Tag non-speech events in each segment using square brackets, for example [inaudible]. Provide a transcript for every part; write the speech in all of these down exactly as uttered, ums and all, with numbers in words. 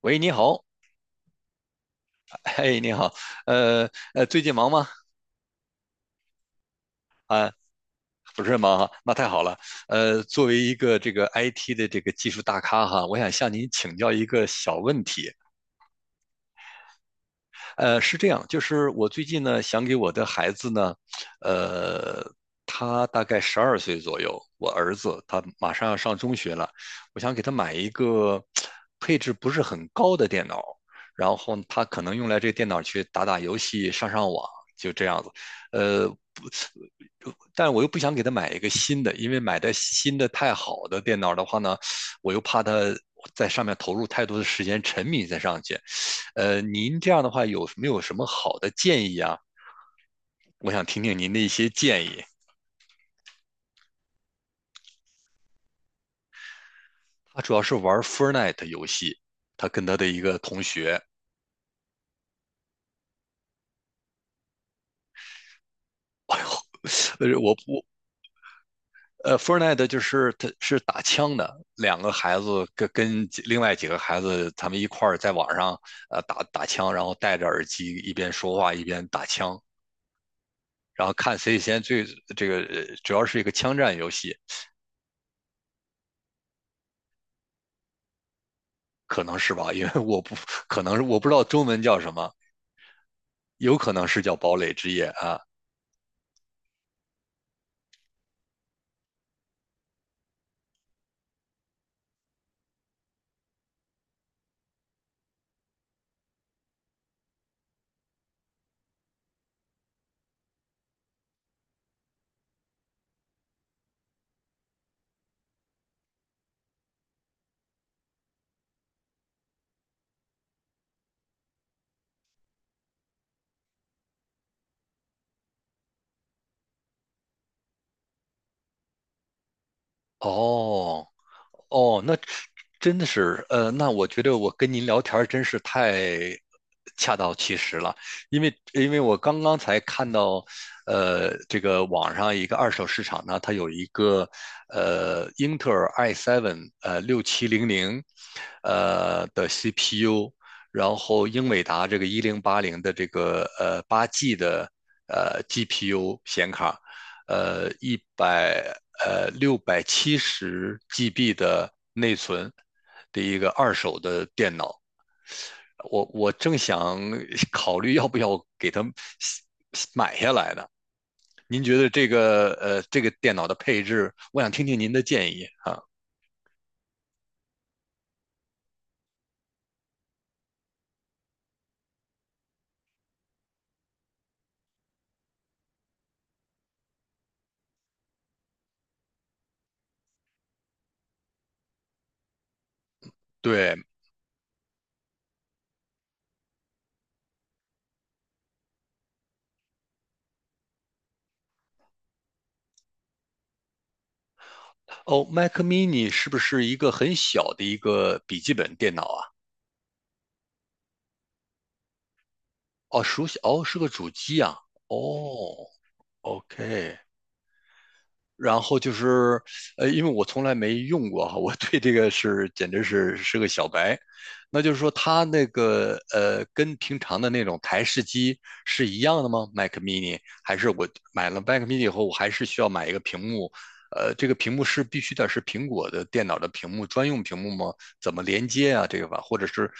喂，你好，哎，你好，呃呃，最近忙吗？不是忙哈，那太好了。呃，作为一个这个 I T 的这个技术大咖哈，我想向您请教一个小问题。呃，是这样，就是我最近呢，想给我的孩子呢，呃，他大概十二岁左右，我儿子他马上要上中学了，我想给他买一个配置不是很高的电脑，然后他可能用来这个电脑去打打游戏、上上网，就这样子。呃，不，但我又不想给他买一个新的，因为买的新的太好的电脑的话呢，我又怕他在上面投入太多的时间，沉迷在上去。呃，您这样的话有没有什么好的建议啊？我想听听您的一些建议。他主要是玩 Fortnite 游戏，他跟他的一个同学。呃，我我呃，Fortnite 就是他是打枪的，两个孩子跟跟几另外几个孩子他们一块儿在网上呃打打枪，然后戴着耳机一边说话一边打枪，然后看谁先最，这个呃主要是一个枪战游戏。可能是吧？因为我不可能是，我不知道中文叫什么，有可能是叫堡垒之夜啊。哦哦，那真的是，呃，那我觉得我跟您聊天儿真是太恰到其时了，因为因为我刚刚才看到，呃，这个网上一个二手市场呢，它有一个呃英特尔 i 七 呃六七零零呃的 C P U，然后英伟达这个一零八零的这个呃八 G 的呃 G P U 显卡，呃一百呃六百七十 G B 的内存的一个二手的电脑。我我正想 [laughs] 考虑要不要给它买下来呢。您觉得这个呃这个电脑的配置，我想听听您的建议啊。对。哦，Mac Mini 是不是一个很小的一个笔记本电脑啊？哦，熟悉，哦，是个主机啊。哦，OK，然后就是，呃，因为我从来没用过哈，我对这个是简直是是个小白。那就是说，它那个呃，跟平常的那种台式机是一样的吗？Mac mini 还是我买了 Mac mini 以后，我还是需要买一个屏幕？呃，这个屏幕是必须得是苹果的电脑的屏幕专用屏幕吗？怎么连接啊？这个吧，或者是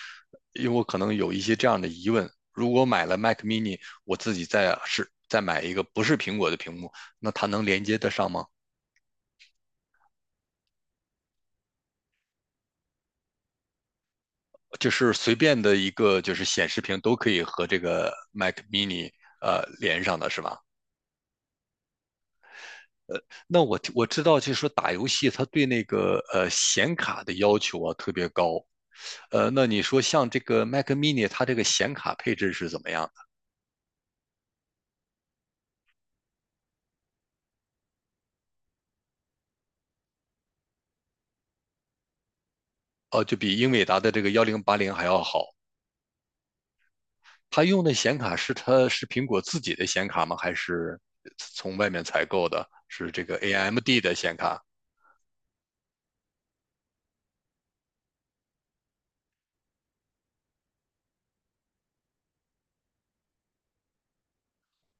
因为我可能有一些这样的疑问，如果买了 Mac mini，我自己再是再买一个不是苹果的屏幕，那它能连接得上吗？就是随便的一个就是显示屏都可以和这个 Mac Mini 呃连上的是吧？那我我知道，就是说打游戏它对那个呃显卡的要求啊特别高。呃，那你说像这个 Mac Mini，它这个显卡配置是怎么样的？呃，就比英伟达的这个幺零八零还要好。它用的显卡是它是苹果自己的显卡吗？还是从外面采购的？是这个 A M D 的显卡？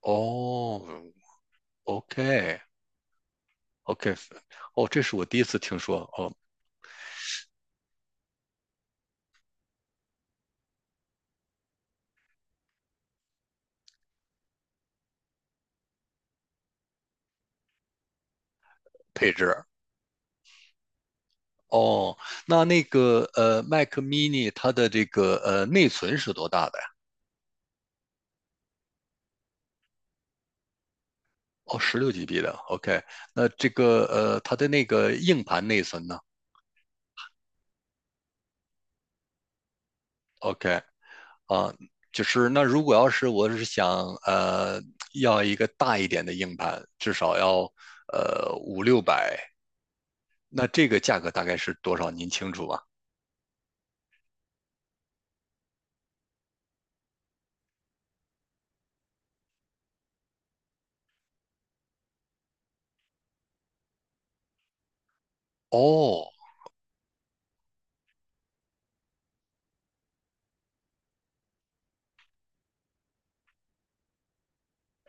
哦，OK，OK。哦，这是我第一次听说哦。配置哦，那那个呃，Mac mini 它的这个呃内存是多大的呀？哦，十六 G B 的。OK，那这个呃它的那个硬盘内存呢？OK 啊，就是那如果要是我是想呃要一个大一点的硬盘，至少要呃五六百，五六百，那这个价格大概是多少？您清楚吗？哦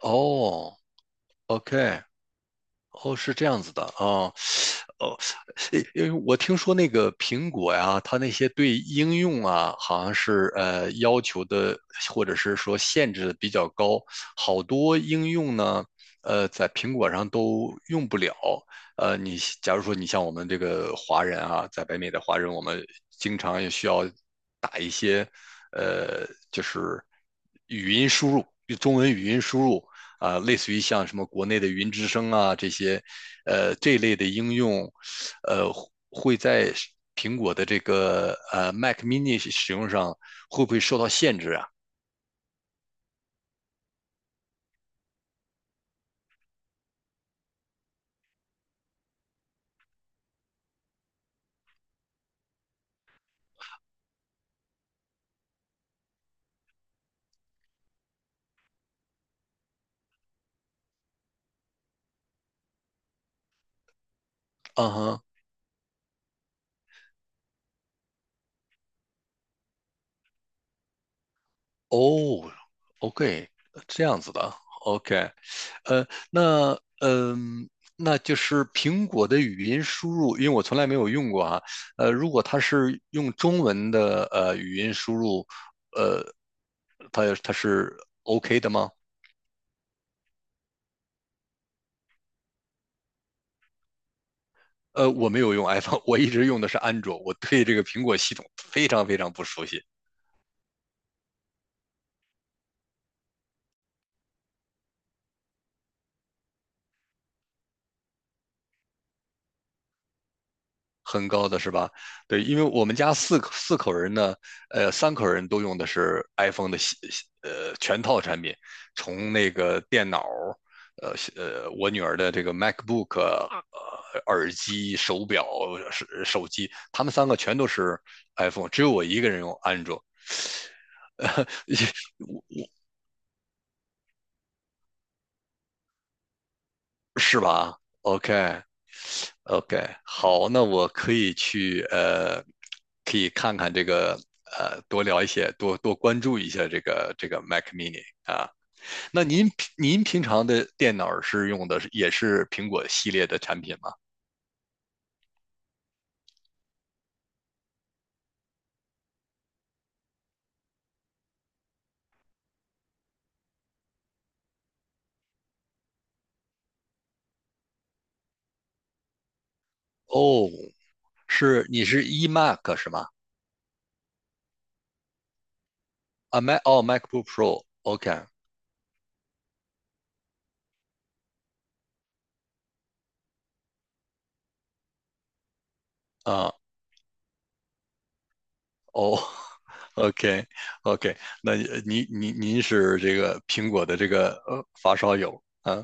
哦，OK。哦，是这样子的啊。哦，诶因为我听说那个苹果呀，它那些对应用啊，好像是呃要求的或者是说限制的比较高，好多应用呢，呃，在苹果上都用不了。呃，你假如说你像我们这个华人啊，在北美的华人，我们经常也需要打一些，呃，就是语音输入，中文语音输入，啊、呃类似于像什么国内的云之声啊这些，呃这类的应用，呃会在苹果的这个呃 Mac Mini 使用上会不会受到限制啊？嗯哼。哦，OK，这样子的。OK，呃，那嗯。那就是苹果的语音输入，因为我从来没有用过啊。呃，如果它是用中文的呃语音输入，它它是 OK 的吗？呃，我没有用 iPhone，我一直用的是安卓，我对这个苹果系统非常非常不熟悉。很高的是吧？对，因为我们家四口四口人呢，呃，三口人都用的是 iPhone 的系呃全套产品，从那个电脑，呃呃，我女儿的这个 MacBook、耳机、手表、手手机，他们三个全都是 iPhone，只有我一个人用安卓。[laughs] 呃，我我是吧？OK，OK，好，那我可以去，呃，可以看看这个，呃，多聊一些，多多关注一下这个这个 Mac Mini 啊。那您平您平常的电脑是用的是也是苹果系列的产品吗？哦，是你是 iMac 是吗？啊，Mac 哦，MacBook Pro。OK 啊，哦，OK， OK。那您您您是这个苹果的这个呃发烧友啊。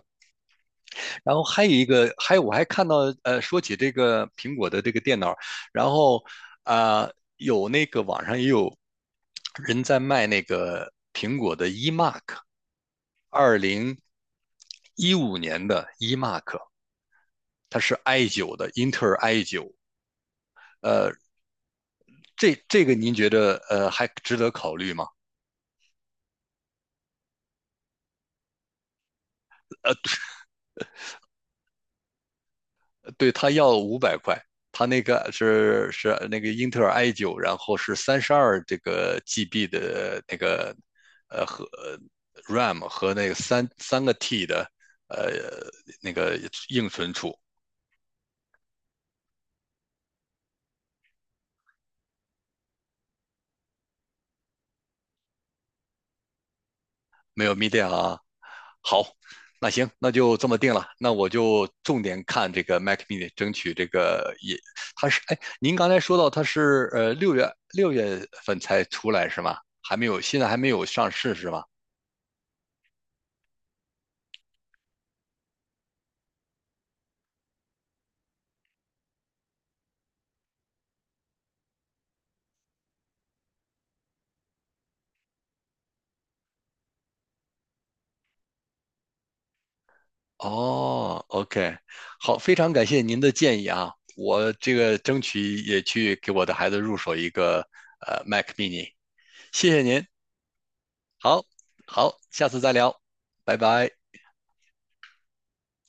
然后还有一个，还有我还看到，呃，说起这个苹果的这个电脑，然后啊、呃有那个网上也有人在卖那个苹果的 iMac，二零一五年的 iMac，它是 i 九的，英特尔 i 九。呃，这这个您觉得呃还值得考虑吗？呃，对，他要五百块，他那个是是那个英特尔 i 九，然后是三十二这个 G B 的那个呃和 RAM 和那个三三个 T 的呃那个硬存储。没有 Media 好。那行，那就这么定了。那我就重点看这个 Mac Mini，争取这个也，它是哎，您刚才说到它是呃六月六月份才出来是吗？还没有，现在还没有上市是吗？哦，OK，好，非常感谢您的建议啊，我这个争取也去给我的孩子入手一个呃 Mac mini。谢谢您，好，好，下次再聊，拜拜。